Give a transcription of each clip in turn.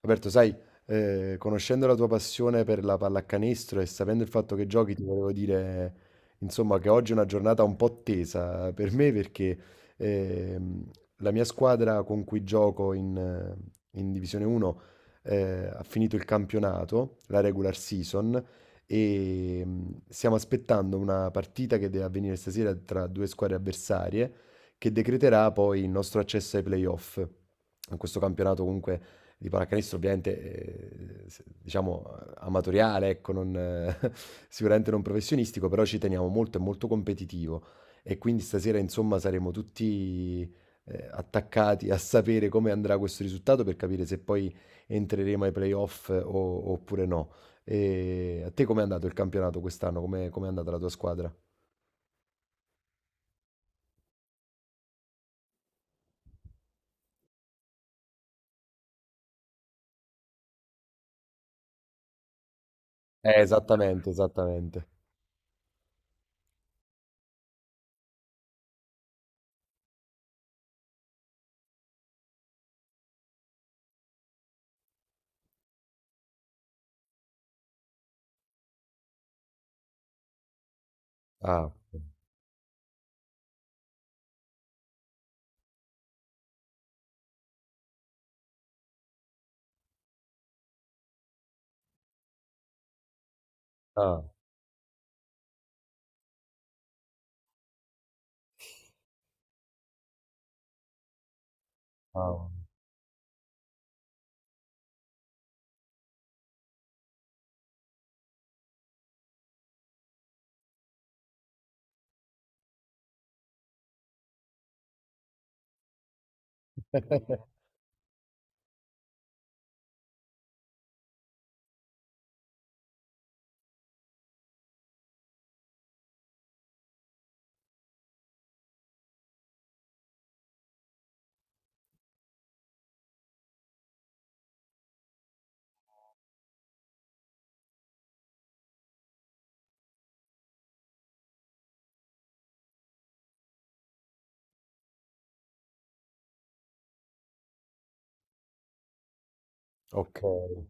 Roberto, sai, conoscendo la tua passione per la pallacanestro e sapendo il fatto che giochi, ti volevo dire, insomma, che oggi è una giornata un po' tesa per me perché ehm, la mia squadra con cui gioco in Divisione 1 ha finito il campionato, la regular season, e stiamo aspettando una partita che deve avvenire stasera tra due squadre avversarie che decreterà poi il nostro accesso ai playoff. In questo campionato comunque di pallacanestro ovviamente diciamo amatoriale, ecco, non, sicuramente non professionistico, però ci teniamo molto, è molto competitivo e quindi stasera insomma saremo tutti attaccati a sapere come andrà questo risultato per capire se poi entreremo ai playoff oppure no. E a te com'è andato il campionato quest'anno? Come è andata la tua squadra? Esattamente, esattamente. Ah. Ah, ah. Okay.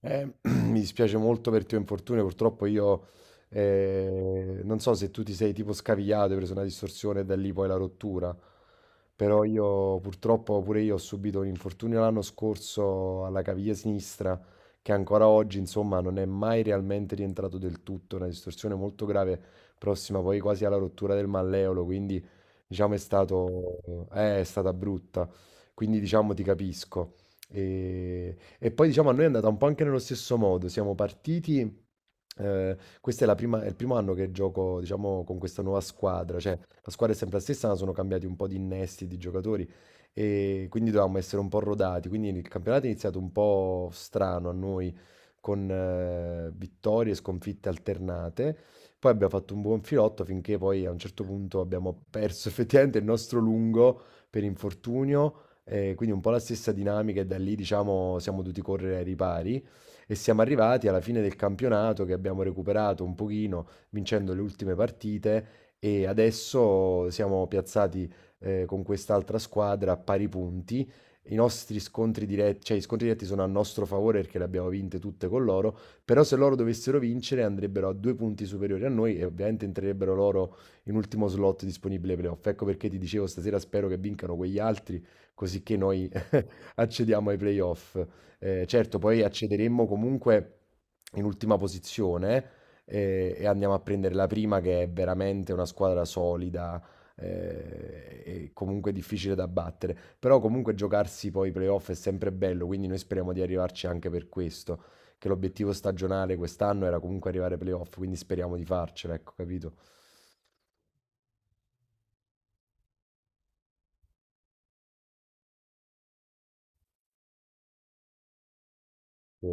Mi dispiace molto per il tuo infortunio, purtroppo io non so se tu ti sei tipo scavigliato, hai preso una distorsione e da lì poi la rottura, però io purtroppo pure io ho subito un infortunio l'anno scorso alla caviglia sinistra che ancora oggi insomma non è mai realmente rientrato del tutto, una distorsione molto grave prossima poi quasi alla rottura del malleolo, quindi diciamo è stato, è stata brutta, quindi diciamo ti capisco. E e poi diciamo a noi è andata un po' anche nello stesso modo, siamo partiti, questo è, è il primo anno che gioco diciamo con questa nuova squadra, cioè la squadra è sempre la stessa, ma sono cambiati un po' di innesti, di giocatori e quindi dovevamo essere un po' rodati, quindi il campionato è iniziato un po' strano a noi con vittorie e sconfitte alternate. Poi abbiamo fatto un buon filotto finché poi a un certo punto abbiamo perso effettivamente il nostro lungo per infortunio. Quindi un po' la stessa dinamica e da lì diciamo siamo dovuti correre ai ripari e siamo arrivati alla fine del campionato che abbiamo recuperato un pochino vincendo le ultime partite e adesso siamo piazzati, con quest'altra squadra a pari punti. I nostri scontri diret, cioè i scontri diretti sono a nostro favore perché le abbiamo vinte tutte con loro, però se loro dovessero vincere andrebbero a 2 punti superiori a noi e ovviamente entrerebbero loro in ultimo slot disponibile ai playoff. Ecco perché ti dicevo stasera spero che vincano quegli altri così che noi accediamo ai playoff. Certo, poi accederemmo comunque in ultima posizione e andiamo a prendere la prima che è veramente una squadra solida e comunque difficile da battere. Però comunque giocarsi poi i playoff è sempre bello, quindi noi speriamo di arrivarci anche per questo, che l'obiettivo stagionale quest'anno era comunque arrivare ai playoff, quindi speriamo di farcela, ecco, capito? Sì,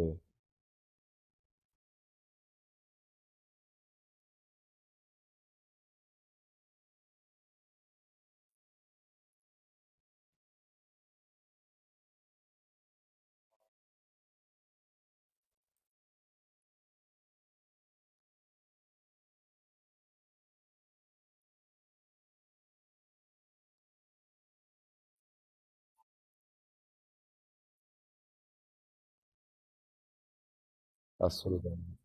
assolutamente.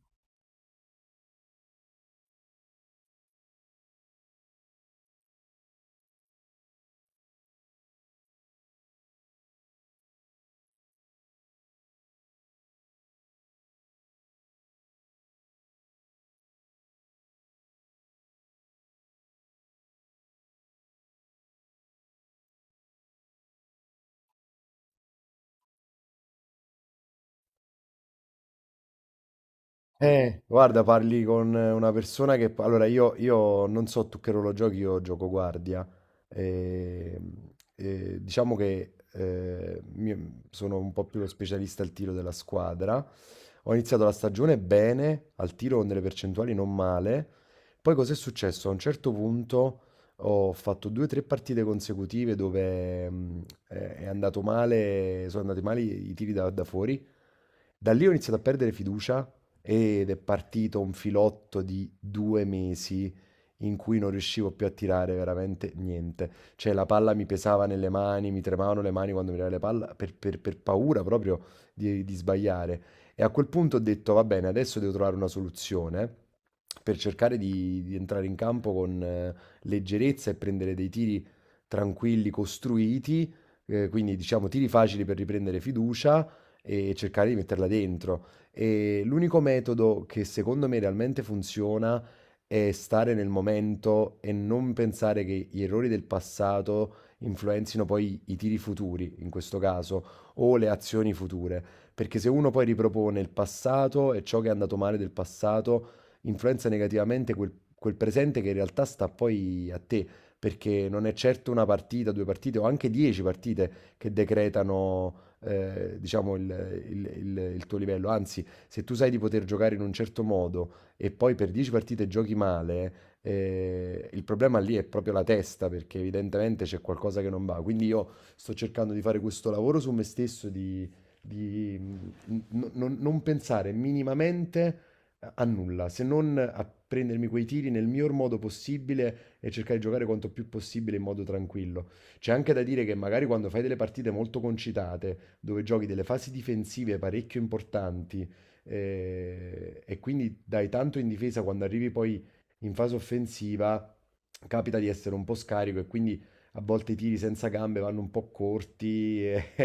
Guarda, parli con una persona che... Allora, io non so tu che ruolo giochi, io gioco guardia. E, e diciamo che sono un po' più lo specialista al tiro della squadra. Ho iniziato la stagione bene, al tiro con delle percentuali non male. Poi cos'è successo? A un certo punto ho fatto due o tre partite consecutive dove è andato male, sono andati male i tiri da fuori. Da lì ho iniziato a perdere fiducia ed è partito un filotto di due mesi in cui non riuscivo più a tirare veramente niente. Cioè la palla mi pesava nelle mani, mi tremavano le mani quando mi tirava la palla per paura proprio di sbagliare. E a quel punto ho detto, va bene, adesso devo trovare una soluzione per cercare di entrare in campo con leggerezza e prendere dei tiri tranquilli, costruiti, quindi diciamo tiri facili per riprendere fiducia e cercare di metterla dentro. E l'unico metodo che secondo me realmente funziona è stare nel momento e non pensare che gli errori del passato influenzino poi i tiri futuri, in questo caso, o le azioni future. Perché se uno poi ripropone il passato e ciò che è andato male del passato, influenza negativamente quel, quel presente che in realtà sta poi a te. Perché non è certo una partita, due partite o anche dieci partite che decretano, diciamo, il tuo livello. Anzi, se tu sai di poter giocare in un certo modo e poi per 10 partite giochi male, il problema lì è proprio la testa, perché evidentemente c'è qualcosa che non va. Quindi io sto cercando di fare questo lavoro su me stesso, di non pensare minimamente a nulla, se non a prendermi quei tiri nel miglior modo possibile e cercare di giocare quanto più possibile in modo tranquillo. C'è anche da dire che magari quando fai delle partite molto concitate, dove giochi delle fasi difensive parecchio importanti e quindi dai tanto in difesa quando arrivi poi in fase offensiva, capita di essere un po' scarico e quindi a volte i tiri senza gambe vanno un po' corti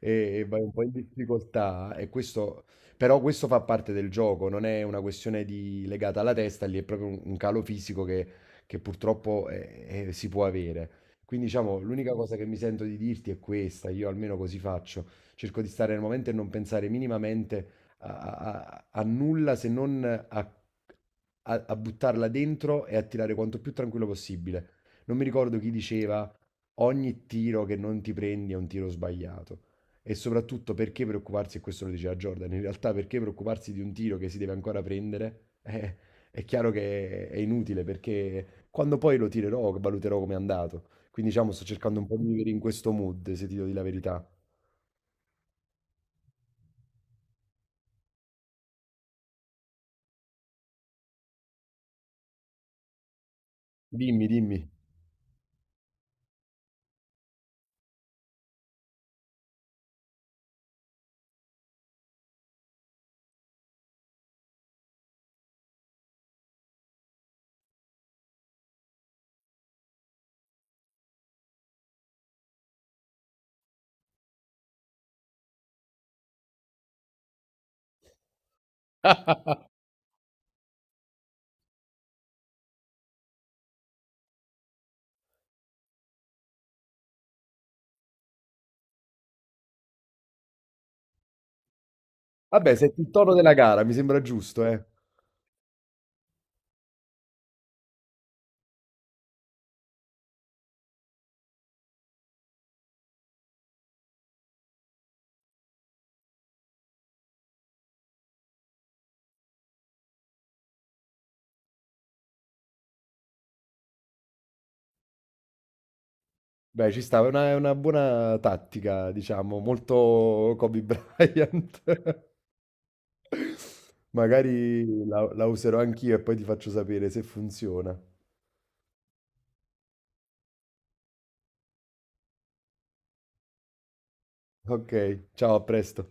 e vai un po' in difficoltà e questo, però questo fa parte del gioco, non è una questione di- legata alla testa, lì è proprio un calo fisico che purtroppo si può avere. Quindi diciamo, l'unica cosa che mi sento di dirti è questa, io almeno così faccio, cerco di stare nel momento e non pensare minimamente a nulla se non a, a buttarla dentro e a tirare quanto più tranquillo possibile. Non mi ricordo chi diceva ogni tiro che non ti prendi è un tiro sbagliato. E soprattutto perché preoccuparsi, e questo lo diceva Jordan, in realtà perché preoccuparsi di un tiro che si deve ancora prendere? È chiaro che è inutile perché quando poi lo tirerò valuterò come è andato. Quindi diciamo sto cercando un po' di vivere in questo mood, se ti dico di la verità. Dimmi, dimmi. Vabbè, senti il tono della gara, mi sembra giusto, eh. Beh, ci sta, è una buona tattica, diciamo, molto Kobe Bryant. Magari la userò anch'io e poi ti faccio sapere se funziona. Ok, ciao, a presto.